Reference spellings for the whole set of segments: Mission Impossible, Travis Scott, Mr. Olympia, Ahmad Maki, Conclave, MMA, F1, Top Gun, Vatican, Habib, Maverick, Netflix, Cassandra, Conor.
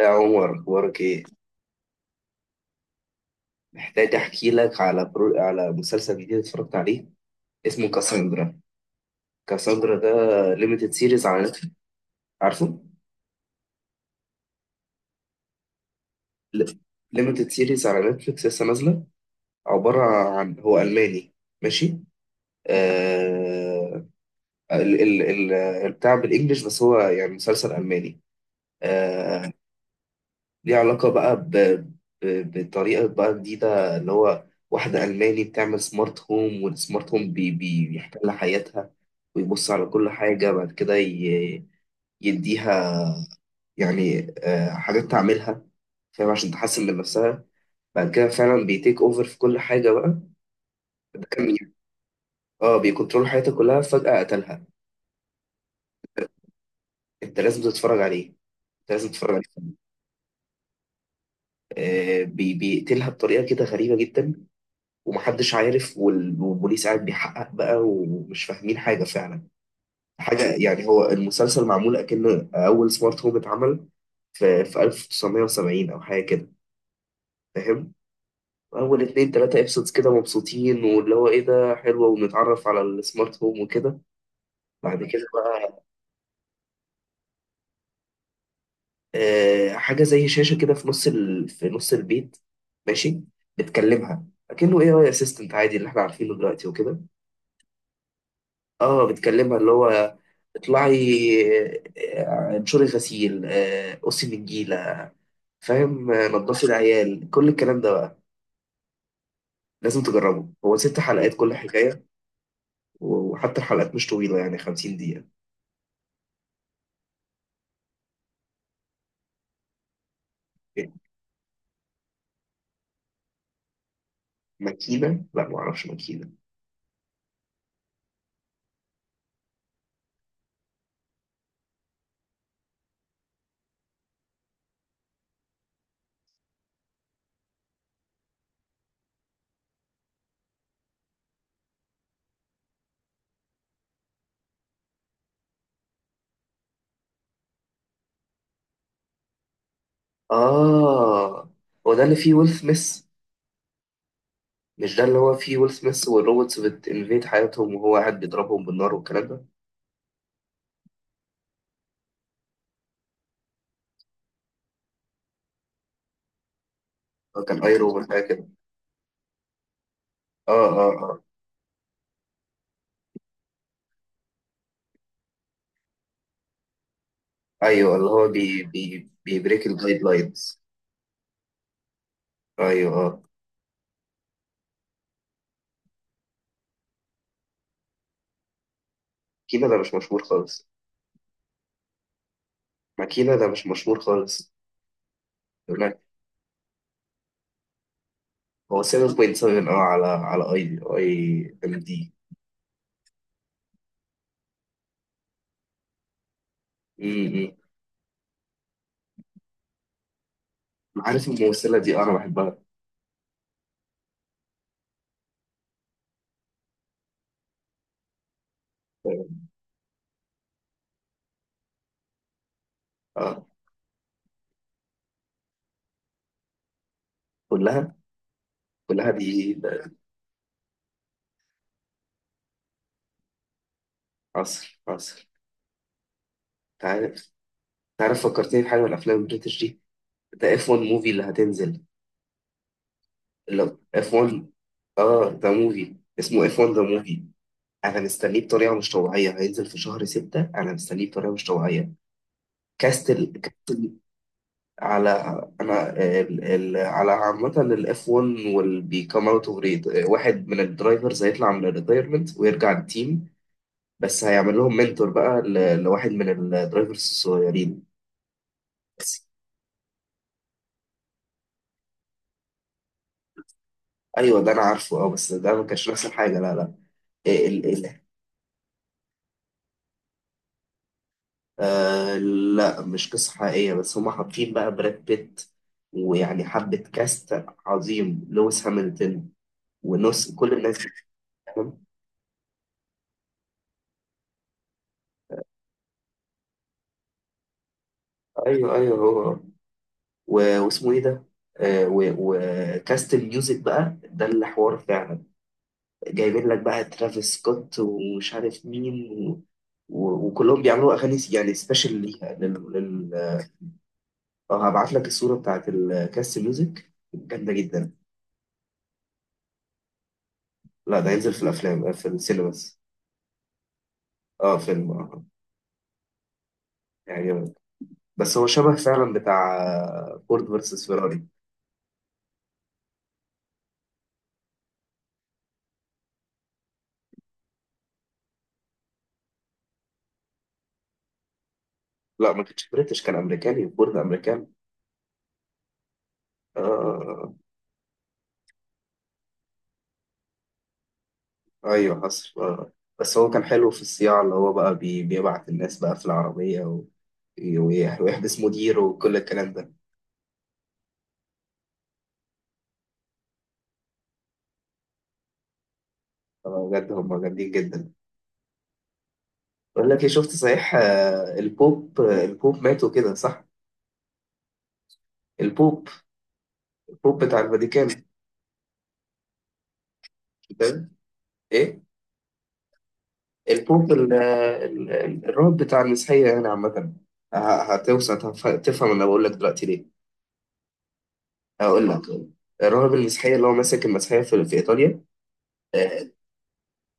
يا عمر، اخبارك ايه؟ محتاج احكي لك على مسلسل جديد اتفرجت عليه، اسمه كاساندرا. كاساندرا ليميتد سيريز على نتفلكس. عارفه؟ ليميتد سيريز على نتفلكس، لسه نازله. عباره عن هو الماني، ماشي. آه... ال... ال... ال... البتاع بالانجلش، بس هو يعني مسلسل الماني آه، ليه علاقة بقى بطريقة بقى جديدة، اللي هو واحدة ألماني بتعمل سمارت هوم، والسمارت هوم بيحتل حياتها، ويبص على كل حاجة. بعد كده يديها يعني حاجات تعملها، فاهم، عشان تحسن من نفسها. بعد كده فعلا بيتيك اوفر في كل حاجة بقى. ده كان يعني، اه، بيكنترول حياتها كلها، فجأة قتلها. انت لازم تتفرج عليه، انت لازم تتفرج عليه. آه بيقتلها بطريقة كده غريبة جدا، ومحدش عارف، والبوليس قاعد بيحقق بقى ومش فاهمين حاجة فعلا. حاجة يعني، هو المسلسل معمول أكنه أول سمارت هوم اتعمل في 1970 أو حاجة كده، فاهم؟ أول اتنين تلاتة ابسودز كده مبسوطين، واللي هو إيه ده، حلوة، ونتعرف على السمارت هوم وكده. بعد كده بقى، آه، حاجة زي شاشة كده في نص البيت، ماشي، بتكلمها أكنه AI أسيستنت عادي اللي إحنا عارفينه دلوقتي وكده. اه، بتكلمها اللي هو: اطلعي، انشري غسيل، قصي نجيلة، فاهم، نضفي العيال، كل الكلام ده بقى. لازم تجربه، هو ست حلقات كل حكاية، وحتى الحلقات مش طويلة، يعني 50 دقيقة. ماكينة؟ لا معرفش ماكينة. اه، هو ده اللي فيه ويل سميث؟ مش ده اللي هو فيه ويل سميث والروبوتس بتنفيد حياتهم وهو قاعد بيضربهم بالنار والكلام ده؟ هو كان اي روبوت حاجة كده. اه اه اه، ايوه اللي هو بي بي بيبريك الجايد لاينز. ايوه آه. كينا ده مش مشهور خالص، ما كينا ده مش مشهور خالص. يقول لك هو 7.7 اه، على على اي اي ام دي. امم، عارف الممثله دي؟ انا بحبها. اه، كلها؟ كلها دي ده؟ عصر عصر، انت عارف، انت عارف فكرتني بحاجه من الافلام البريتش دي؟ ده اف 1 موفي اللي هتنزل، اللي اف 1. اه، ده موفي اسمه اف 1 ذا موفي، انا مستنيه بطريقه مش طبيعيه، هينزل في شهر 6، انا مستنيه بطريقه مش طبيعيه. كاست على، انا ال ال على عامة الاف 1، والبيكام اوت اوف ريد، واحد من الدرايفرز هيطلع من الريتايرمنت ويرجع التيم، بس هيعمل لهم منتور بقى لواحد من الدرايفرز الصغيرين، بس. ايوه ده انا عارفه، اه، بس ده ما كانش نفس الحاجة، لا لا. إيه، ال ال آه، لا مش قصة حقيقية، بس هما حاطين بقى براد بيت ويعني حبة كاست عظيم، لويس هامilton ونص، كل الناس دي، فاهم؟ ايوه ايوه هو. واسمه ايه ده، وكاست الميوزك بقى ده اللي حوار فعلا، جايبين لك بقى ترافيس سكوت ومش عارف مين و... وكلهم بيعملوا اغاني يعني سبيشال ليها اه، هبعت لك الصوره بتاعت الكاست، ميوزك جامده جدا. لا ده هينزل في الافلام، في السينماس. اه فيلم اه، يعني، بس هو شبه فعلا بتاع فورد فيرسس فيراري. لا ما كانش بريتش، كان امريكاني، فورد امريكان. اه ايوه حصل. بس هو كان حلو في الصياعة، اللي هو بقى بيبعت الناس بقى في العربية، ويحبس مديره وكل الكلام ده. بجد هم جامدين جدا. بقول لك ايه، شفت صحيح؟ البوب ماتوا كده، صح؟ البوب، البوب بتاع الفاتيكان ده. ايه؟ البوب الرب بتاع المسيحية يعني عامة. تفهم، انا بقول لك دلوقتي ليه. هقول لك، الراهب المسيحية اللي هو ماسك المسيحية في ايطاليا، اه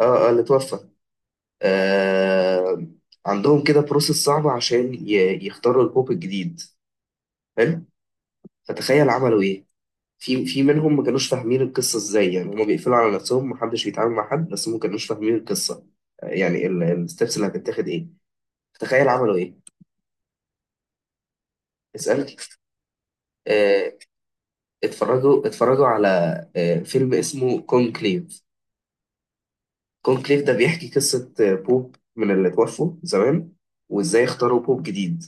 اه اللي توفى. آه، عندهم كده بروسيس صعبة عشان يختاروا البوب الجديد، حلو. فتخيل عملوا ايه، في في منهم ما كانوش فاهمين القصة ازاي، يعني هما بيقفلوا على نفسهم، محدش بيتعامل مع حد، بس هما ما كانوش فاهمين القصة، يعني الستبس اللي هتتاخد ايه. تخيل عملوا ايه. اسألني. آه، اتفرجوا، اتفرجوا على فيلم اسمه كونكليف. كونكليف ده بيحكي قصة بوب من اللي توفوا زمان وإزاي اختاروا بوب جديد.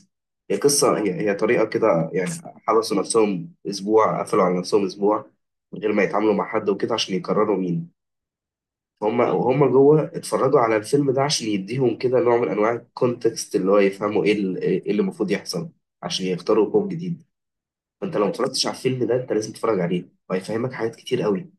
هي طريقة كده يعني، حبسوا نفسهم أسبوع، قفلوا على نفسهم أسبوع من غير ما يتعاملوا مع حد وكده، عشان يقرروا مين. هم وهم جوه اتفرجوا على الفيلم ده عشان يديهم كده نوع من أنواع الكونتكست، اللي هو يفهموا إيه اللي المفروض يحصل عشان يختاروا بوب جديد. فأنت لو متفرجتش على الفيلم ده أنت لازم تتفرج عليه، وهيفهمك حاجات كتير قوي.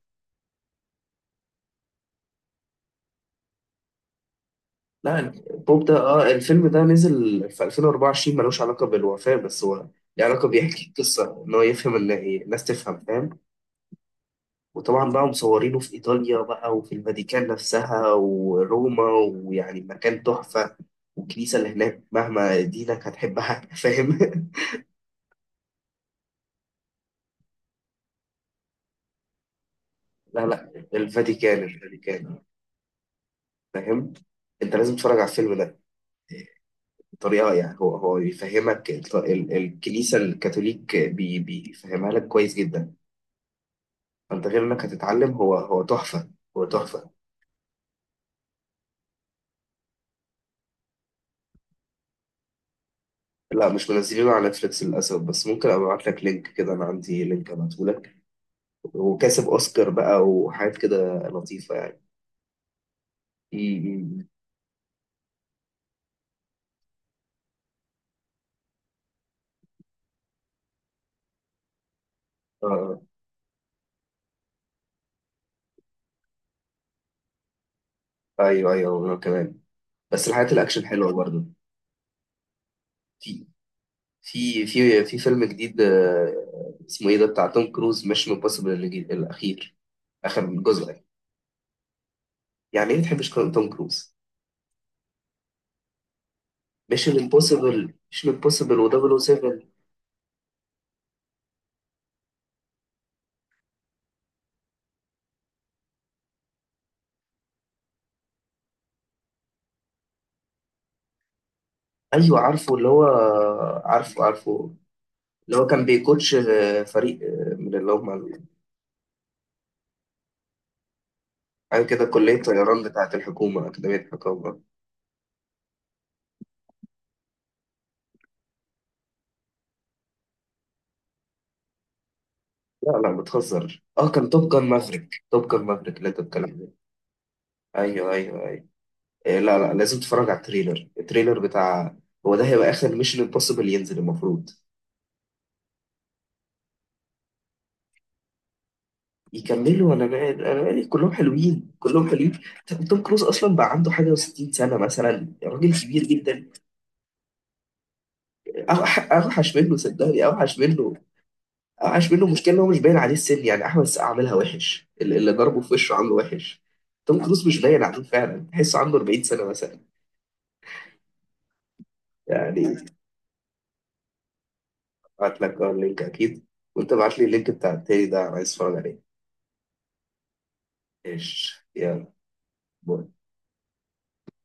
لا، بوب ده اه، الفيلم ده نزل في 2024، ملوش علاقة بالوفاة، بس هو له علاقة، بيحكي قصة إن هو يفهم، إن إيه الناس تفهم، فاهم. وطبعا بقى مصورينه في إيطاليا بقى، وفي الفاتيكان نفسها وروما، ويعني مكان تحفة، والكنيسة اللي هناك مهما دينك هتحبها. فاهم. لا لا، الفاتيكان، الفاتيكان، فاهم. أنت لازم تتفرج على الفيلم ده، بطريقة يعني، هو هو بيفهمك الكنيسة الكاثوليك، بيفهمها لك كويس جدا. انت غير انك هتتعلم، هو هو تحفه، هو تحفه. لا مش منزلينه على نتفليكس للاسف، بس ممكن ابقى ابعت لك لينك كده، انا عندي لينك ابعته لك. وكاسب اوسكار بقى وحاجات كده لطيفه يعني. امم آه. ايوه ايوه انا كمان، بس الحاجات الاكشن حلوه برضه. في في فيلم جديد اسمه ايه ده، بتاع توم كروز، ميشن امبوسيبل الاخير، اخر جزء يعني. يعني ايه ما بتحبش توم كروز؟ ميشن امبوسيبل، ميشن امبوسيبل و007. ايوه عارفه، اللي هو، عارفه عارفه. اللي هو كان بيكوتش فريق، من اللي هم حاجه كده، كليه طيران بتاعه الحكومه، اكاديميه الحكومه. لا لا بتهزر، اه كان توب جان مافريك، توب جان مافريك اللي انت بتتكلم عليه. ايوه ايوه ايوه. إيه، لا لا، لازم تتفرج على التريلر، التريلر بتاع، هو ده هيبقى اخر ميشن امبوسيبل ينزل المفروض. يكملوا، انا مال، انا مالي، كلهم حلوين كلهم حلوين. توم كروز اصلا بقى عنده حاجه و60 سنه مثلا، راجل كبير جدا. اوحش منه، صدقني اوحش منه، عاش منه. مشكلة ان هو مش باين عليه السن، يعني احمد السقا عاملها وحش، اللي ضربه في وشه عامله وحش. توم كروز مش باين عليه فعلا، تحسه عنده 40 سنة مثلا يعني. ابعت لك اللينك اكيد، وانت ابعت لي اللينك بتاع التاني ده، انا عايز اتفرج عليه. ايش، يلا، باي.